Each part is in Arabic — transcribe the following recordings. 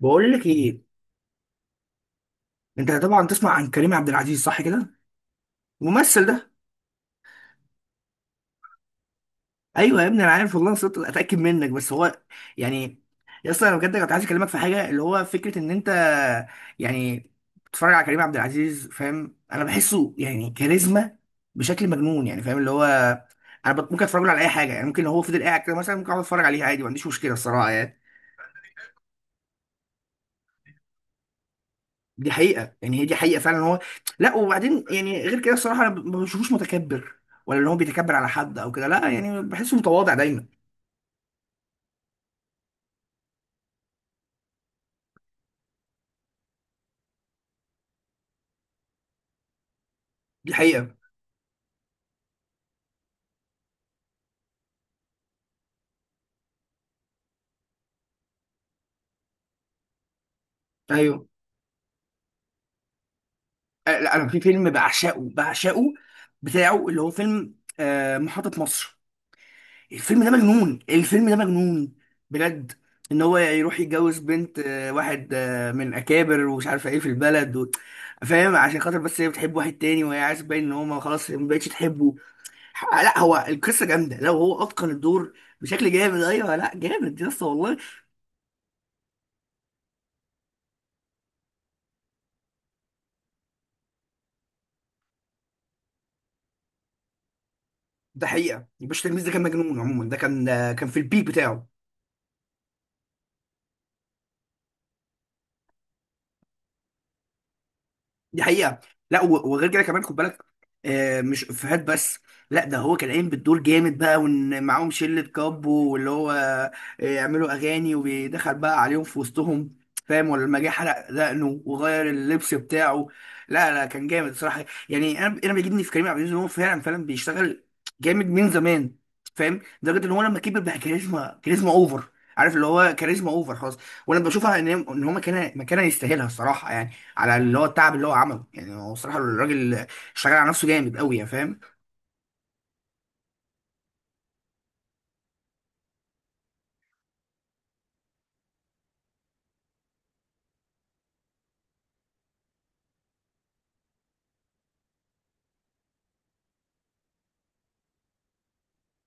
بقول لك ايه. انت طبعا تسمع عن كريم عبد العزيز، صح كده؟ الممثل ده. ايوه يا ابني انا عارف والله، انا صرت اتاكد منك. بس هو يعني يا اسطى انا بجد كنت عايز اكلمك في حاجه، اللي هو فكره ان انت يعني بتتفرج على كريم عبد العزيز، فاهم؟ انا بحسه يعني كاريزما بشكل مجنون، يعني فاهم اللي هو ممكن اتفرج له على اي حاجه. يعني ممكن لو هو فضل قاعد كده مثلا، ممكن اقعد اتفرج عليه عادي، ما عنديش مشكله الصراحه يعني. دي حقيقة يعني، هي دي حقيقة فعلا. هو لا وبعدين يعني، غير كده الصراحة، أنا ما بشوفوش متكبر ولا اللي هو بيتكبر على حد أو كده، لا، يعني بحسه متواضع دايما. دي حقيقة. أيوه. أه، لا أنا في فيلم بعشقه بعشقه بتاعه، اللي هو فيلم محطة مصر. الفيلم ده مجنون، الفيلم ده مجنون بجد. إن هو يروح يتجوز بنت واحد من أكابر ومش عارفة إيه في البلد و... فاهم، عشان خاطر بس هي بتحب واحد تاني، وهي عايز تبين إن هو ما خلاص ما بقتش تحبه. لا هو القصه جامده لو هو اتقن الدور بشكل جامد. ايوه لا جامد يا اسطى والله. ده حقيقه، الباشا تلميذ ده كان مجنون عموما، ده كان كان في البيك بتاعه. دي حقيقة. لا وغير كده كمان، خد بالك مش افيهات بس. لا ده هو كان قايم بالدور جامد بقى، وان معاهم شلة كابو، واللي هو يعملوا اغاني وبيدخل بقى عليهم في وسطهم، فاهم؟ ولا لما جه حلق دقنه وغير اللبس بتاعه. لا لا كان جامد صراحة. يعني انا بيجيبني في كريم عبد العزيز ان هو فعلا فعلا بيشتغل جامد من زمان، فاهم؟ لدرجة ان هو لما كبر بقى كاريزما كاريزما اوفر. عارف اللي هو كاريزما اوفر خلاص. وانا بشوفها ان ان هو مكانها مكانها يستاهلها الصراحة يعني، على اللي هو التعب اللي هو عمله. يعني هو صراحة الراجل اشتغل على نفسه جامد قوي، يعني فاهم.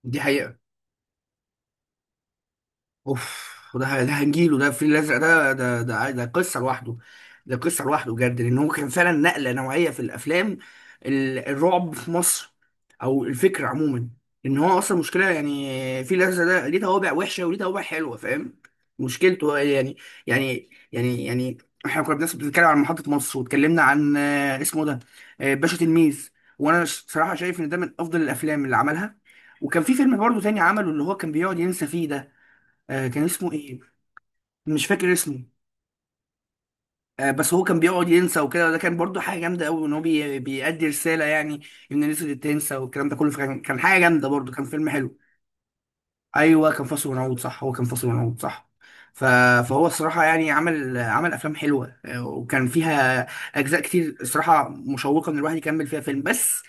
دي حقيقة. اوف، وده هنجيله. ده الفيل الازرق ده قصه لوحده. ده قصه لوحده بجد، لان هو كان فعلا نقله نوعيه في الافلام الرعب في مصر، او الفكره عموما. ان هو اصلا مشكله يعني، الفيل الازرق ده ليه توابع وحشه وليه توابع حلوه، فاهم مشكلته يعني. يعني، احنا كنا الناس بتتكلم عن محطه مصر، واتكلمنا عن اسمه ده باشا تلميذ. وانا صراحه شايف ان ده من افضل الافلام اللي عملها. وكان في فيلم برضه تاني عمله، اللي هو كان بيقعد ينسى فيه ده، آه كان اسمه ايه؟ مش فاكر اسمه. آه بس هو كان بيقعد ينسى وكده، وده كان برضو حاجه جامده قوي، ان هو بيأدي رساله يعني، ان الناس اللي تنسى والكلام ده كله. فكان كان حاجه جامده برضو، كان فيلم حلو. ايوه كان فاصل ونعود، صح هو كان فاصل ونعود صح. ف... فهو الصراحه يعني عمل عمل افلام حلوه، وكان فيها اجزاء كتير الصراحه مشوقه، ان الواحد يكمل فيها فيلم. بس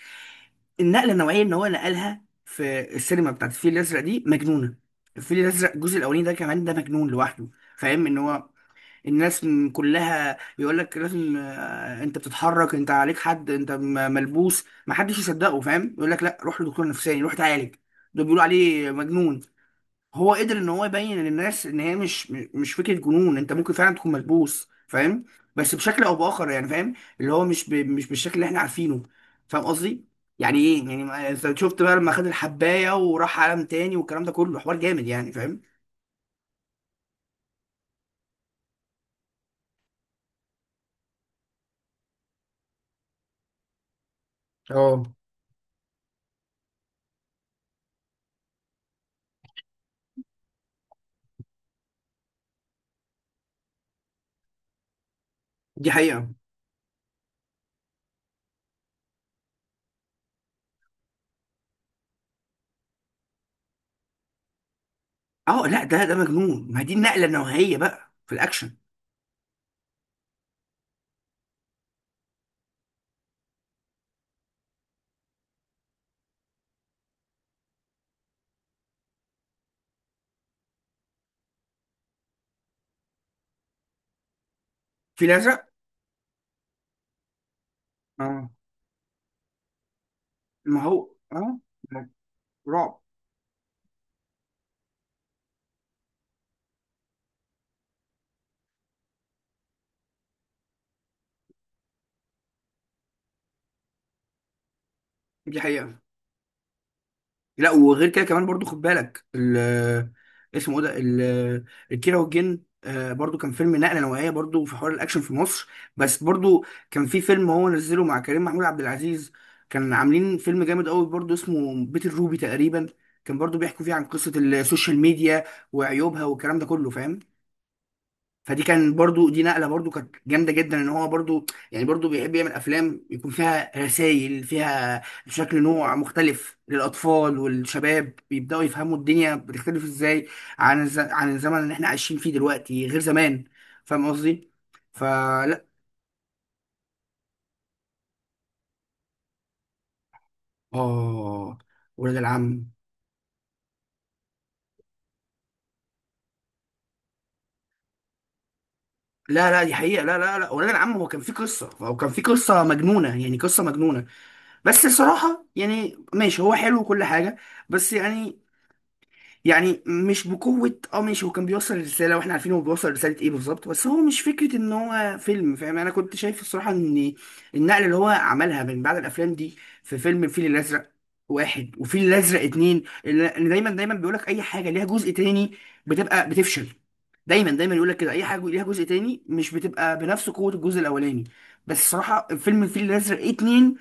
النقله النوعيه ان هو نقلها في السينما بتاعت الفيل الازرق دي مجنونه. الفيل الازرق الجزء الاولاني ده كمان ده مجنون لوحده. فاهم ان هو الناس كلها بيقول لك لازم، انت بتتحرك انت عليك حد، انت ملبوس، ما حدش يصدقه فاهم، يقول لك لا روح لدكتور نفساني روح اتعالج. دول بيقولوا عليه مجنون. هو قدر ان هو يبين للناس ان هي مش فكره جنون، انت ممكن فعلا تكون ملبوس فاهم، بس بشكل او باخر يعني فاهم. اللي هو مش بالشكل اللي احنا عارفينه، فاهم قصدي. يعني ايه يعني انت شفت بقى لما خد الحبايه وراح عالم تاني والكلام ده كله، حوار جامد يعني فاهم. اه. دي حقيقه. اه لا ده مجنون، ما دي النقله النوعيه بقى في الاكشن. في الازرق. اه. ما هو اه. رعب. دي حقيقه. لا وغير كده كمان برضو، خد بالك ال اسمه ايه ده الكيرة والجن، برضو كان فيلم نقله نوعيه برضو في حوار الاكشن في مصر. بس برضو، كان في فيلم هو نزله مع كريم محمود عبد العزيز، كان عاملين فيلم جامد قوي برضو، اسمه بيت الروبي تقريبا. كان برضو بيحكوا فيه عن قصه السوشيال ميديا وعيوبها والكلام ده كله، فاهم؟ فدي كان برضو، دي نقله برضو كانت جامده جدا، ان هو برضو يعني برضو بيحب يعمل افلام يكون فيها رسائل، فيها شكل نوع مختلف للاطفال والشباب، بيبداوا يفهموا الدنيا بتختلف ازاي عن عن الزمن اللي احنا عايشين فيه دلوقتي غير زمان، فاهم قصدي. فلا. اه ولاد العم. لا لا دي حقيقة، لا لا لا ولاد العم هو كان في قصة، هو كان في قصة مجنونة يعني قصة مجنونة، بس الصراحة يعني ماشي هو حلو وكل حاجة. بس يعني، يعني مش بقوة. اه ماشي هو كان بيوصل رسالة واحنا عارفين هو بيوصل رسالة ايه بالظبط، بس هو مش فكرة ان هو فيلم، فاهم؟ انا كنت شايف الصراحة ان النقلة اللي هو عملها من بعد الافلام دي، في فيلم الفيل الازرق واحد وفيل الازرق اتنين. اللي دايما دايما بيقولك اي حاجة ليها جزء تاني بتبقى بتفشل، دايما دايما يقولك كده اي حاجة ليها جزء تاني مش بتبقى بنفس قوة الجزء الاولاني. بس الصراحة فيلم الفيل الازرق اتنين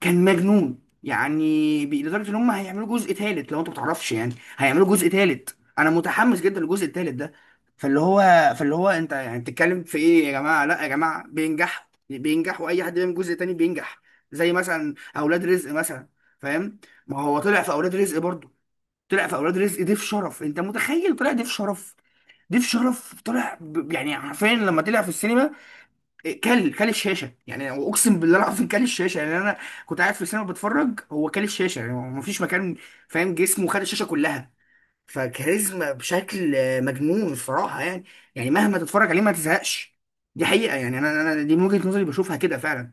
كان مجنون. يعني لدرجة ان هم هيعملوا جزء تالت، لو انت متعرفش يعني هيعملوا جزء تالت، انا متحمس جدا للجزء التالت ده. فاللي هو فاللي هو انت يعني بتتكلم في ايه يا جماعه؟ لا يا جماعه بينجح بينجح، واي حد بيعمل جزء تاني بينجح، زي مثلا اولاد رزق مثلا، فاهم؟ ما هو طلع في اولاد رزق برضه، طلع في اولاد رزق ضيف شرف، انت متخيل طلع ضيف شرف؟ ضيف شرف طلع يعني حرفيا لما طلع في السينما كل الشاشه، يعني اقسم بالله العظيم كل الشاشه يعني. انا كنت قاعد في السينما بتفرج، هو كل الشاشه يعني ما فيش مكان، فاهم؟ جسمه خد الشاشه كلها. فكاريزما بشكل مجنون الصراحه يعني. يعني مهما تتفرج عليه ما تزهقش. دي حقيقه يعني، انا دي من وجهه نظري بشوفها كده فعلا.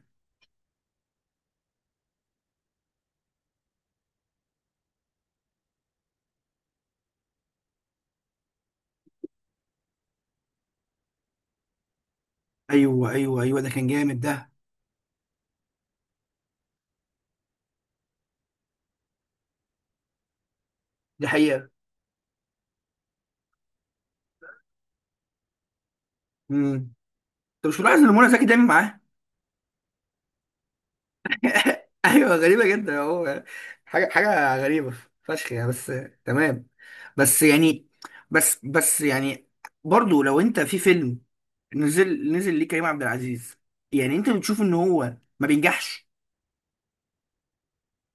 ايوه ده كان جامد ده. دي حقيقه. امم. انت مش ملاحظ ان منى زكي دايما معاه؟ ايوه غريبه جدا اهو. حاجه غريبه فشخ يعني. بس تمام. بس يعني، بس يعني برضو لو انت في فيلم نزل، نزل ليه كريم عبد العزيز، يعني انت بتشوف ان هو ما بينجحش؟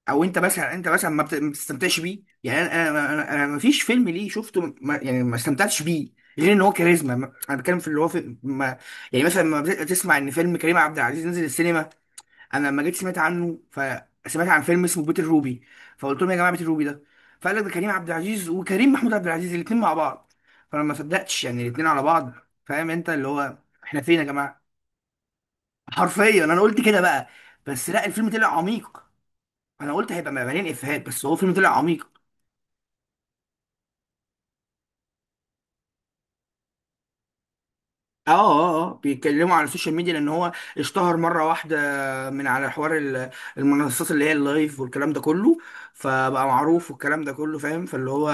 او انت مثلا انت مثلا ما بتستمتعش بيه يعني. أنا ما فيش فيلم ليه شفته ما يعني ما استمتعتش بيه، غير ان هو كاريزما انا بتكلم في اللي هو في، ما يعني مثلا لما تسمع ان فيلم كريم عبد العزيز نزل السينما. انا لما جيت سمعت عنه، فسمعت عن فيلم اسمه بيت الروبي، فقلت لهم يا جماعه بيت الروبي ده، فقال لك ده كريم عبد العزيز وكريم محمود عبد العزيز الاثنين مع بعض، فانا ما صدقتش يعني الاثنين على بعض، فاهم انت اللي هو؟ احنا فين يا جماعه؟ حرفيا انا قلت كده بقى. بس لا الفيلم طلع عميق، انا قلت هيبقى مليان افيهات، بس هو فيلم طلع عميق. اه بيتكلموا على السوشيال ميديا، لان هو اشتهر مره واحده من على حوار المنصات اللي هي اللايف والكلام ده كله. فبقى معروف والكلام ده كله فاهم، فاللي هو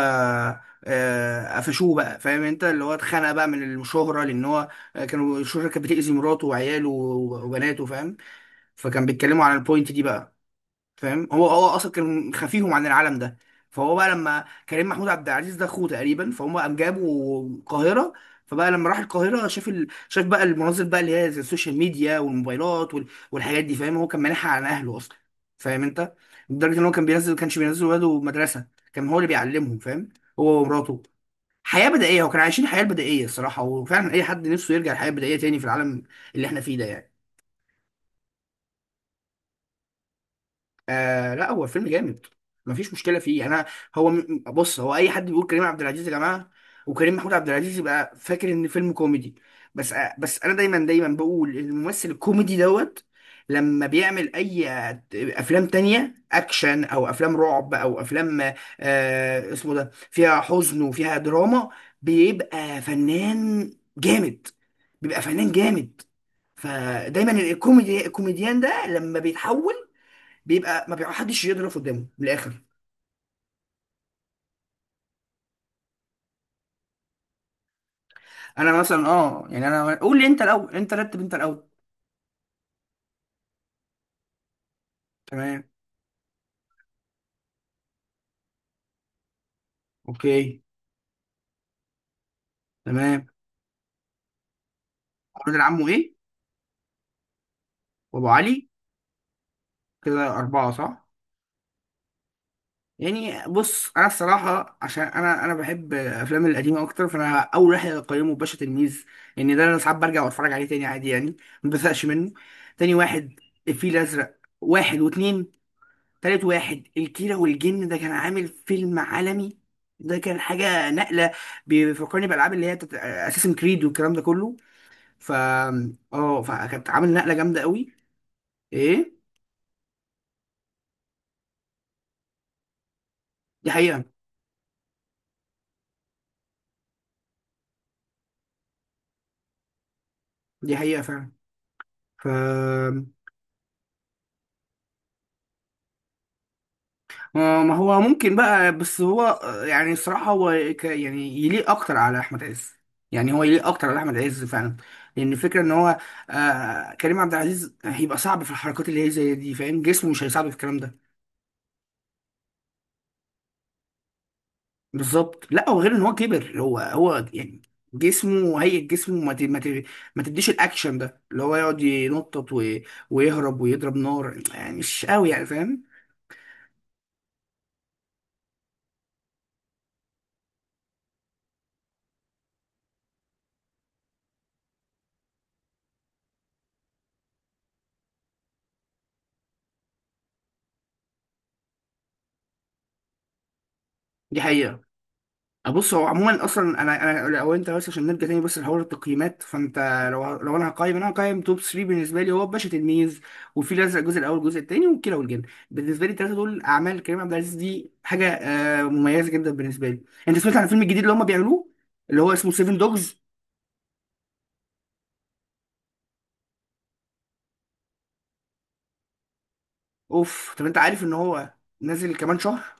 قفشوه بقى فاهم انت اللي هو، اتخنق بقى من الشهره، لان هو كانوا الشهره كانت بتأذي مراته وعياله وبناته، فاهم؟ فكان بيتكلموا على البوينت دي بقى، فاهم؟ هو اصلا كان خفيهم عن العالم ده. فهو بقى لما كريم محمود عبد العزيز ده اخوه تقريبا، فهم قام جابوا القاهره. فبقى لما راح القاهره شاف شاف بقى المناظر بقى اللي هي زي السوشيال ميديا والموبايلات والحاجات دي، فاهم؟ هو كان مانعها عن اهله اصلا فاهم انت، لدرجه ان هو كان بينزل كانش بينزل ولاده مدرسه، كان هو اللي بيعلمهم، فاهم؟ هو ومراته، حياه بدائيه، وكانوا عايشين الحياه البدائيه الصراحه. وفعلا اي حد نفسه يرجع الحياه البدائيه تاني في العالم اللي احنا فيه ده يعني. آه لا هو الفيلم جامد مفيش مشكله فيه يعني. انا هو بص هو اي حد بيقول كريم عبد العزيز يا جماعه وكريم محمود عبد العزيز يبقى فاكر ان فيلم كوميدي. بس آه، بس انا دايما دايما بقول الممثل الكوميدي دوت، لما بيعمل اي افلام تانية اكشن او افلام رعب او افلام آه اسمه ده فيها حزن وفيها دراما، بيبقى فنان جامد، بيبقى فنان جامد. فدايما الكوميدي الكوميديان ده لما بيتحول بيبقى ما بيحدش يضرب قدامه من الاخر. انا مثلا اه يعني، انا قول لي انت الاول، انت رتب انت الاول. تمام. اوكي. تمام. الراجل عمه ايه، وابو علي. كده اربعه صح؟ يعني بص انا الصراحه عشان انا بحب الافلام القديمه اكتر، فانا اول واحد اقيمه باشا تلميذ. ان يعني ده انا ساعات برجع واتفرج عليه تاني عادي يعني، ما بزهقش منه. تاني واحد الفيل الازرق واحد واتنين. تالت واحد الكيرة والجن، ده كان عامل فيلم عالمي، ده كان حاجة نقلة، بيفكرني بألعاب اللي هي بتاعت أساسن كريد والكلام ده كله. ف اه، فكانت عامل نقلة جامدة قوي. ايه، دي حقيقة. دي حقيقة فعلا. ف ما ما هو ممكن بقى، بس هو يعني الصراحة هو يعني يليق أكتر على أحمد عز. يعني هو يليق أكتر على أحمد عز فعلا، لأن الفكرة إن هو آه كريم عبد العزيز هيبقى صعب في الحركات اللي هي زي دي، فاهم جسمه مش هيساعده في الكلام ده. بالظبط. لا وغير ان هو كبر، هو هو يعني جسمه هيئة جسمه ما تديش الاكشن ده، اللي هو يقعد ينطط ويهرب ويضرب نار، يعني مش قوي يعني فاهم. دي حقيقة. بص هو عموما اصلا، انا لو انت بس عشان نرجع تاني بس لحوار التقييمات، فانت لو انا هقيم، انا هقيم توب 3 بالنسبه لي هو باشا تلميذ، وفي الازرق الجزء الاول والجزء الثاني، وكيرة والجن. بالنسبه لي الثلاثه دول اعمال كريم عبد العزيز دي حاجه مميزه جدا بالنسبه لي. انت سمعت عن الفيلم الجديد اللي هم بيعملوه، اللي هو اسمه سيفن دوجز؟ اوف، طب انت عارف ان هو نازل كمان شهر.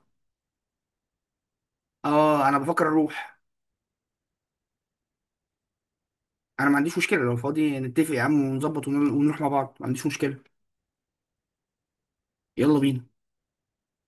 اه انا بفكر اروح. انا ما عنديش مشكله لو فاضي، نتفق يا عم ونظبط ونروح مع بعض، ما عنديش مشكله. يلا بينا.